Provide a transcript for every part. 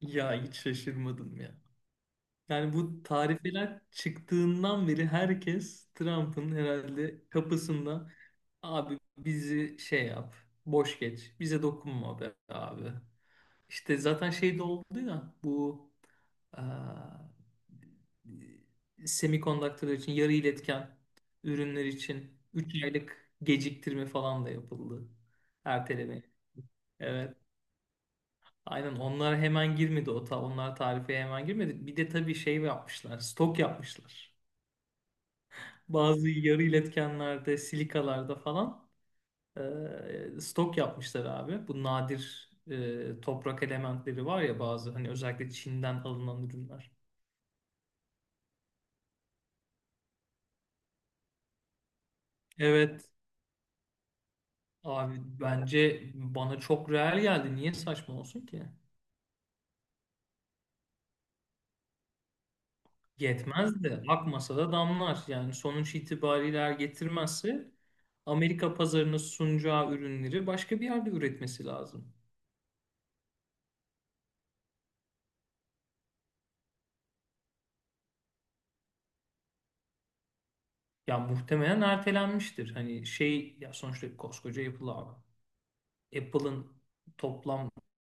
Ya hiç şaşırmadım ya. Yani bu tarifeler çıktığından beri herkes Trump'ın herhalde kapısında abi bizi şey yap, boş geç, bize dokunma be abi. İşte zaten şey de oldu ya bu eee semikondaktörler için yarı iletken ürünler için 3 aylık geciktirme falan da yapıldı. Erteleme. Evet. Aynen onlar hemen girmedi o ta onlar tarife hemen girmedi. Bir de tabii şey yapmışlar, stok yapmışlar. Bazı yarı iletkenlerde, silikalarda falan stok yapmışlar abi. Bu nadir toprak elementleri var ya bazı hani özellikle Çin'den alınan ürünler. Evet abi bence bana çok reel geldi. Niye saçma olsun ki? Yetmez de akmasa da damlar. Yani sonuç itibariyle eğer getirmezse Amerika pazarına sunacağı ürünleri başka bir yerde üretmesi lazım. Ya muhtemelen ertelenmiştir. Hani şey ya sonuçta koskoca Apple abi. Apple'ın toplam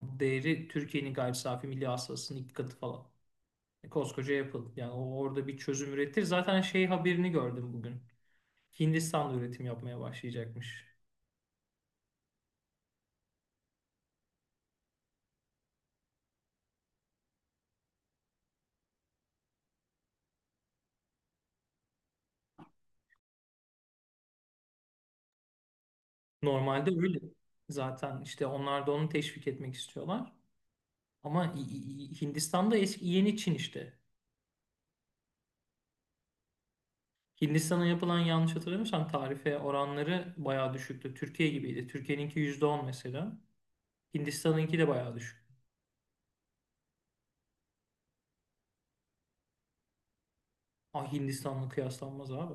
değeri Türkiye'nin gayri safi milli hasılasının iki katı falan. E, koskoca Apple. Yani o orada bir çözüm üretir. Zaten şey haberini gördüm bugün. Hindistan'da üretim yapmaya başlayacakmış. Normalde öyle zaten işte onlar da onu teşvik etmek istiyorlar. Ama Hindistan'da eski yeni Çin işte. Hindistan'a yapılan yanlış hatırlamıyorsam tarife oranları bayağı düşüktü. Türkiye gibiydi. Türkiye'ninki %10 mesela. Hindistan'ınki de bayağı düşük. Ah Hindistan'la kıyaslanmaz abi.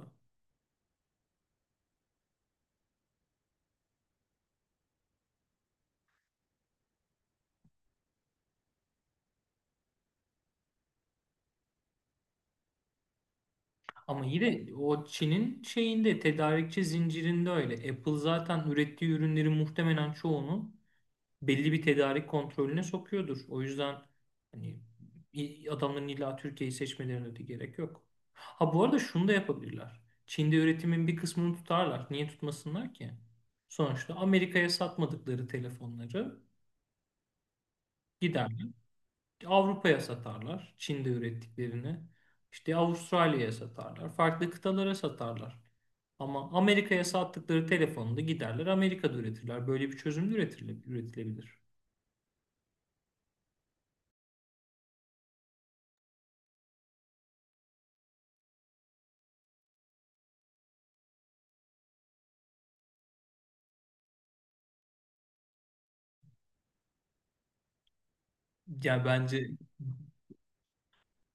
Ama yine o Çin'in şeyinde tedarikçi zincirinde öyle. Apple zaten ürettiği ürünlerin muhtemelen çoğunu belli bir tedarik kontrolüne sokuyordur. O yüzden hani adamların illa Türkiye'yi seçmelerine de gerek yok. Ha bu arada şunu da yapabilirler. Çin'de üretimin bir kısmını tutarlar. Niye tutmasınlar ki? Sonuçta Amerika'ya satmadıkları telefonları giderler. Avrupa'ya satarlar. Çin'de ürettiklerini. İşte Avustralya'ya satarlar. Farklı kıtalara satarlar. Ama Amerika'ya sattıkları telefonu da giderler Amerika'da üretirler. Böyle bir çözüm de üretilebilir. Ya bence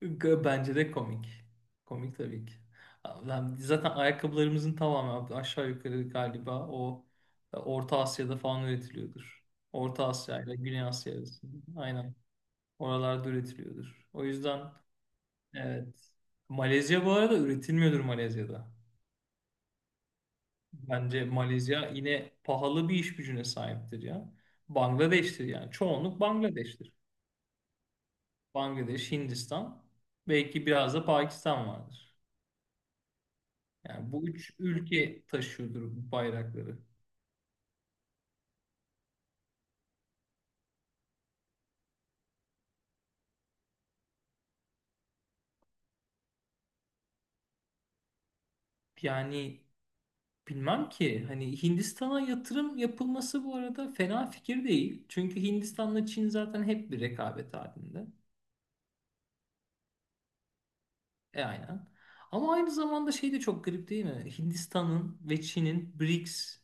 Bence de komik. Komik tabii ki. Zaten ayakkabılarımızın tamamı aşağı yukarı galiba o Orta Asya'da falan üretiliyordur. Orta Asya ile Güney Asya arasında. Aynen. Oralarda üretiliyordur. O yüzden evet. Malezya bu arada üretilmiyordur Malezya'da. Bence Malezya yine pahalı bir iş gücüne sahiptir ya. Bangladeş'tir yani. Çoğunluk Bangladeş'tir. Bangladeş, Hindistan, belki biraz da Pakistan vardır. Yani bu üç ülke taşıyordur bu bayrakları. Yani bilmem ki hani Hindistan'a yatırım yapılması bu arada fena fikir değil. Çünkü Hindistan'la Çin zaten hep bir rekabet halinde. E aynen. Ama aynı zamanda şey de çok garip değil mi? Hindistan'ın ve Çin'in BRICS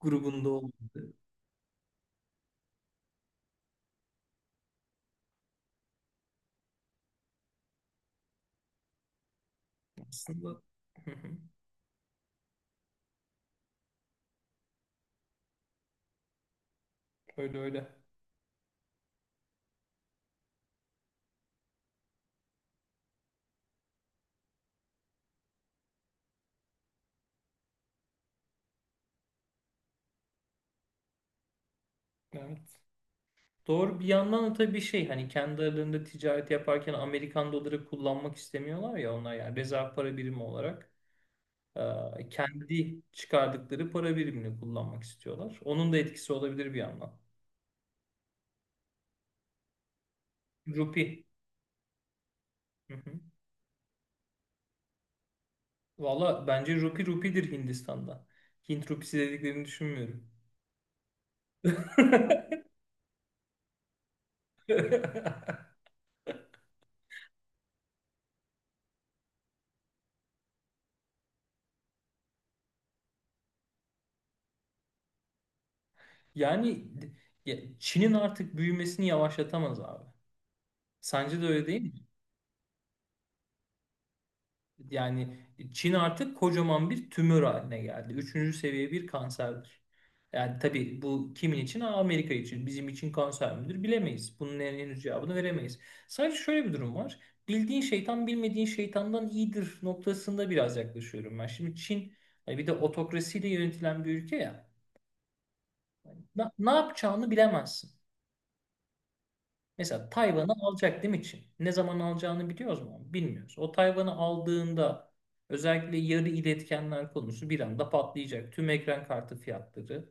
grubunda olması. Aslında. Hı hı. Öyle öyle. Evet. Doğru bir yandan da tabii şey hani kendi aralarında ticaret yaparken Amerikan doları kullanmak istemiyorlar ya onlar yani rezerv para birimi olarak. Kendi çıkardıkları para birimini kullanmak istiyorlar. Onun da etkisi olabilir bir yandan. Rupi. Hı hı. Valla bence rupi rupidir Hindistan'da. Hint rupisi dediklerini düşünmüyorum. Yani ya, Çin'in artık büyümesini yavaşlatamaz abi. Sence de öyle değil mi? Yani Çin artık kocaman bir tümör haline geldi. Üçüncü seviye bir kanserdir. Yani tabii bu kimin için? Aa, Amerika için. Bizim için kanser midir? Bilemeyiz. Bunun henüz cevabını veremeyiz. Sadece şöyle bir durum var. Bildiğin şeytan bilmediğin şeytandan iyidir noktasında biraz yaklaşıyorum ben. Şimdi Çin hani bir de otokrasiyle yönetilen bir ülke ya. Ne yapacağını bilemezsin. Mesela Tayvan'ı alacak değil mi Çin? Ne zaman alacağını biliyoruz mu? Bilmiyoruz. O Tayvan'ı aldığında özellikle yarı iletkenler konusu bir anda patlayacak. Tüm ekran kartı fiyatları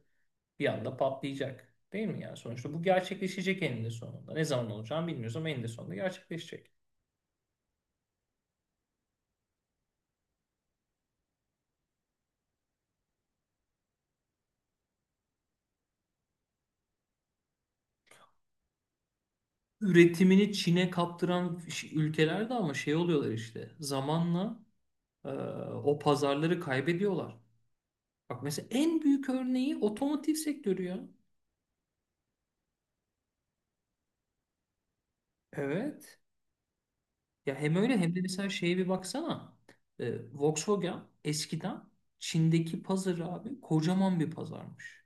bir anda patlayacak. Değil mi yani? Sonuçta bu gerçekleşecek eninde sonunda. Ne zaman olacağını bilmiyoruz ama eninde sonunda gerçekleşecek. Üretimini Çin'e kaptıran ülkeler de ama şey oluyorlar işte. Zamanla e, o pazarları kaybediyorlar. Bak mesela en büyük örneği otomotiv sektörü ya. Evet. Ya hem öyle hem de mesela şeye bir baksana. Volkswagen eskiden Çin'deki pazarı abi kocaman bir pazarmış.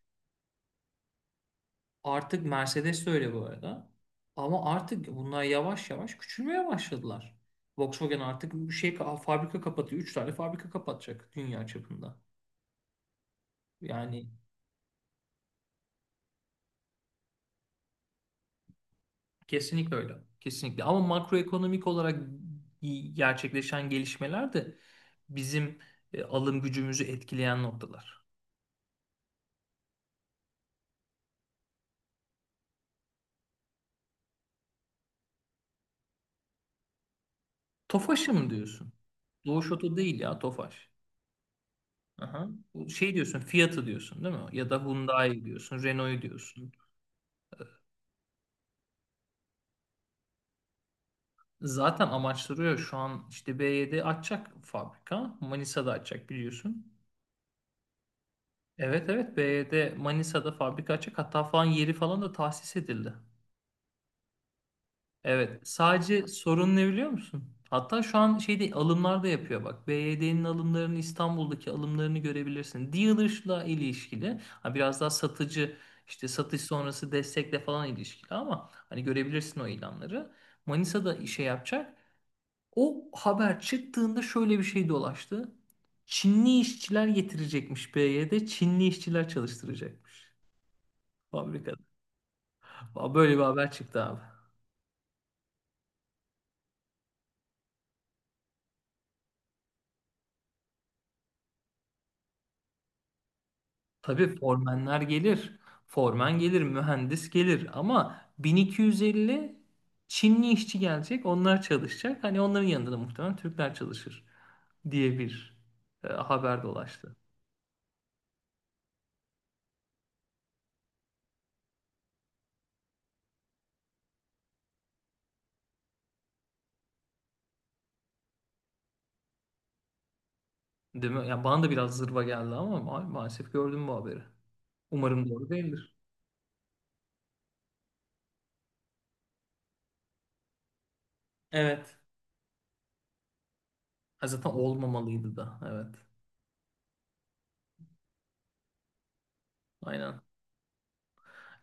Artık Mercedes de öyle bu arada. Ama artık bunlar yavaş yavaş küçülmeye başladılar. Volkswagen artık bir şey fabrika kapatıyor. Üç tane fabrika kapatacak dünya çapında. Yani kesinlikle öyle. Kesinlikle. Ama makroekonomik olarak gerçekleşen gelişmeler de bizim alım gücümüzü etkileyen noktalar. Tofaş'ı mı diyorsun? Doğuş Oto değil ya Tofaş. Aha. Bu şey diyorsun Fiat'ı diyorsun değil mi? Ya da Hyundai diyorsun, Renault'u diyorsun. Zaten amaçlıyor şu an işte BYD açacak fabrika. Manisa'da açacak biliyorsun. Evet, evet, BYD Manisa'da fabrika açacak. Hatta falan yeri falan da tahsis edildi. Evet, sadece sorun ne biliyor musun? Hatta şu an şeyde alımlar da yapıyor bak. BYD'nin alımlarını İstanbul'daki alımlarını görebilirsin. Dealer'la ilişkili. Ha, biraz daha satıcı işte satış sonrası destekle falan ilişkili ama hani görebilirsin o ilanları. Manisa'da işe yapacak. O haber çıktığında şöyle bir şey dolaştı. Çinli işçiler getirecekmiş BYD. Çinli işçiler çalıştıracakmış fabrikada. Böyle bir haber çıktı abi. Tabii formenler gelir. Formen gelir, mühendis gelir ama 1250 Çinli işçi gelecek, onlar çalışacak. Hani onların yanında da muhtemelen Türkler çalışır diye bir haber dolaştı. Değil mi? Yani bana da biraz zırva geldi ama maalesef gördüm bu haberi. Umarım doğru değildir. Evet. Ha, zaten olmamalıydı da. Evet. Aynen.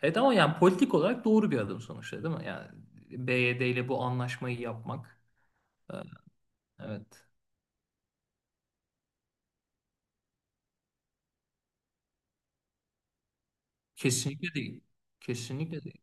Evet ama yani politik olarak doğru bir adım sonuçta değil mi? Yani BYD ile bu anlaşmayı yapmak. e, Evet. Kesinlikle değil. Kesinlikle değil.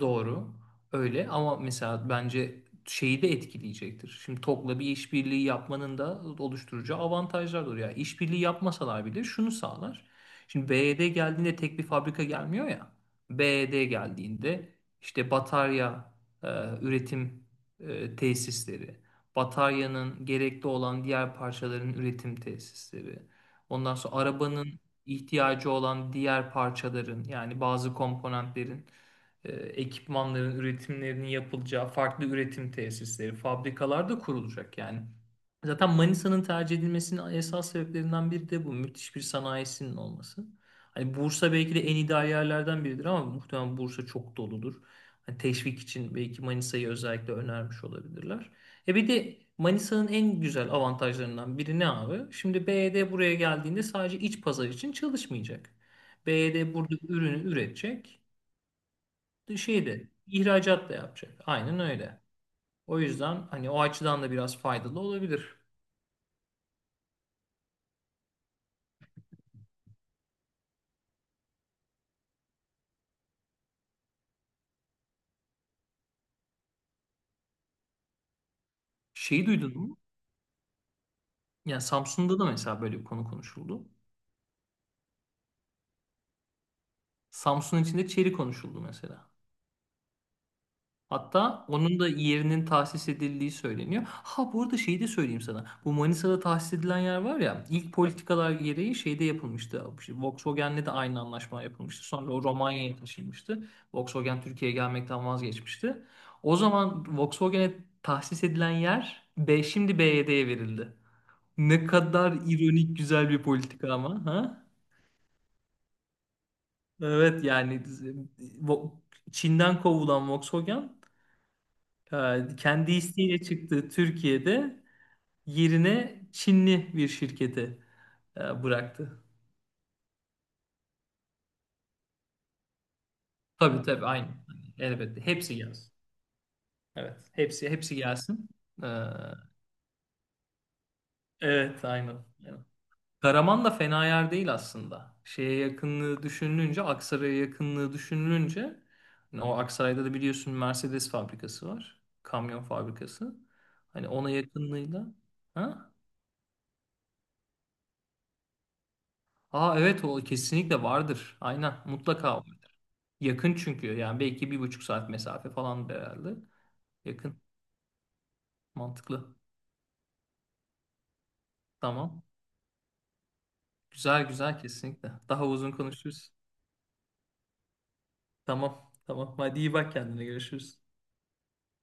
Doğru. Öyle ama mesela bence şeyi de etkileyecektir. Şimdi Tokla bir işbirliği yapmanın da oluşturacağı avantajlar olur. Yani işbirliği yapmasalar bile şunu sağlar. Şimdi BYD geldiğinde tek bir fabrika gelmiyor ya. BYD geldiğinde işte batarya e, üretim tesisleri, bataryanın gerekli olan diğer parçaların üretim tesisleri, ondan sonra arabanın ihtiyacı olan diğer parçaların yani bazı komponentlerin ekipmanların üretimlerinin yapılacağı farklı üretim tesisleri, fabrikalar da kurulacak yani. Zaten Manisa'nın tercih edilmesinin esas sebeplerinden biri de bu. Müthiş bir sanayisinin olması. Hani Bursa belki de en ideal yerlerden biridir ama muhtemelen Bursa çok doludur. Hani teşvik için belki Manisa'yı özellikle önermiş olabilirler. E bir de Manisa'nın en güzel avantajlarından biri ne abi? Şimdi BYD buraya geldiğinde sadece iç pazar için çalışmayacak. BYD burada ürünü üretecek şeyde ihracat da yapacak. Aynen öyle. O yüzden hani o açıdan da biraz faydalı olabilir. Şeyi duydun mu? Yani Samsun'da da mesela böyle bir konu konuşuldu. Samsun içinde çeri konuşuldu mesela. Hatta onun da yerinin tahsis edildiği söyleniyor. Ha bu arada şeyi de söyleyeyim sana. Bu Manisa'da tahsis edilen yer var ya ilk politikalar gereği şeyde yapılmıştı. İşte Volkswagen'le de aynı anlaşma yapılmıştı. Sonra o Romanya'ya taşınmıştı. Volkswagen Türkiye'ye gelmekten vazgeçmişti. O zaman Volkswagen'e tahsis edilen yer B, şimdi BYD'ye verildi. Ne kadar ironik güzel bir politika ama. Ha? Evet yani Vo- Çin'den kovulan Volkswagen kendi isteğiyle çıktığı Türkiye'de yerine Çinli bir şirketi bıraktı. Tabii tabii aynı. Elbette. Hepsi gelsin. Evet. Hepsi hepsi gelsin. Ee, evet aynen. Aynen. Karaman da fena yer değil aslında. Şeye yakınlığı düşünülünce, Aksaray'a yakınlığı düşünülünce hani o Aksaray'da da biliyorsun Mercedes fabrikası var. Kamyon fabrikası. Hani ona yakınlığıyla. Ha? Aa evet o kesinlikle vardır. Aynen mutlaka var. Yakın çünkü yani belki 1,5 saat mesafe falan herhalde. Yakın. Mantıklı. Tamam. Güzel güzel kesinlikle. Daha uzun konuşuruz. Tamam. Tamam. Hadi iyi bak kendine. Görüşürüz.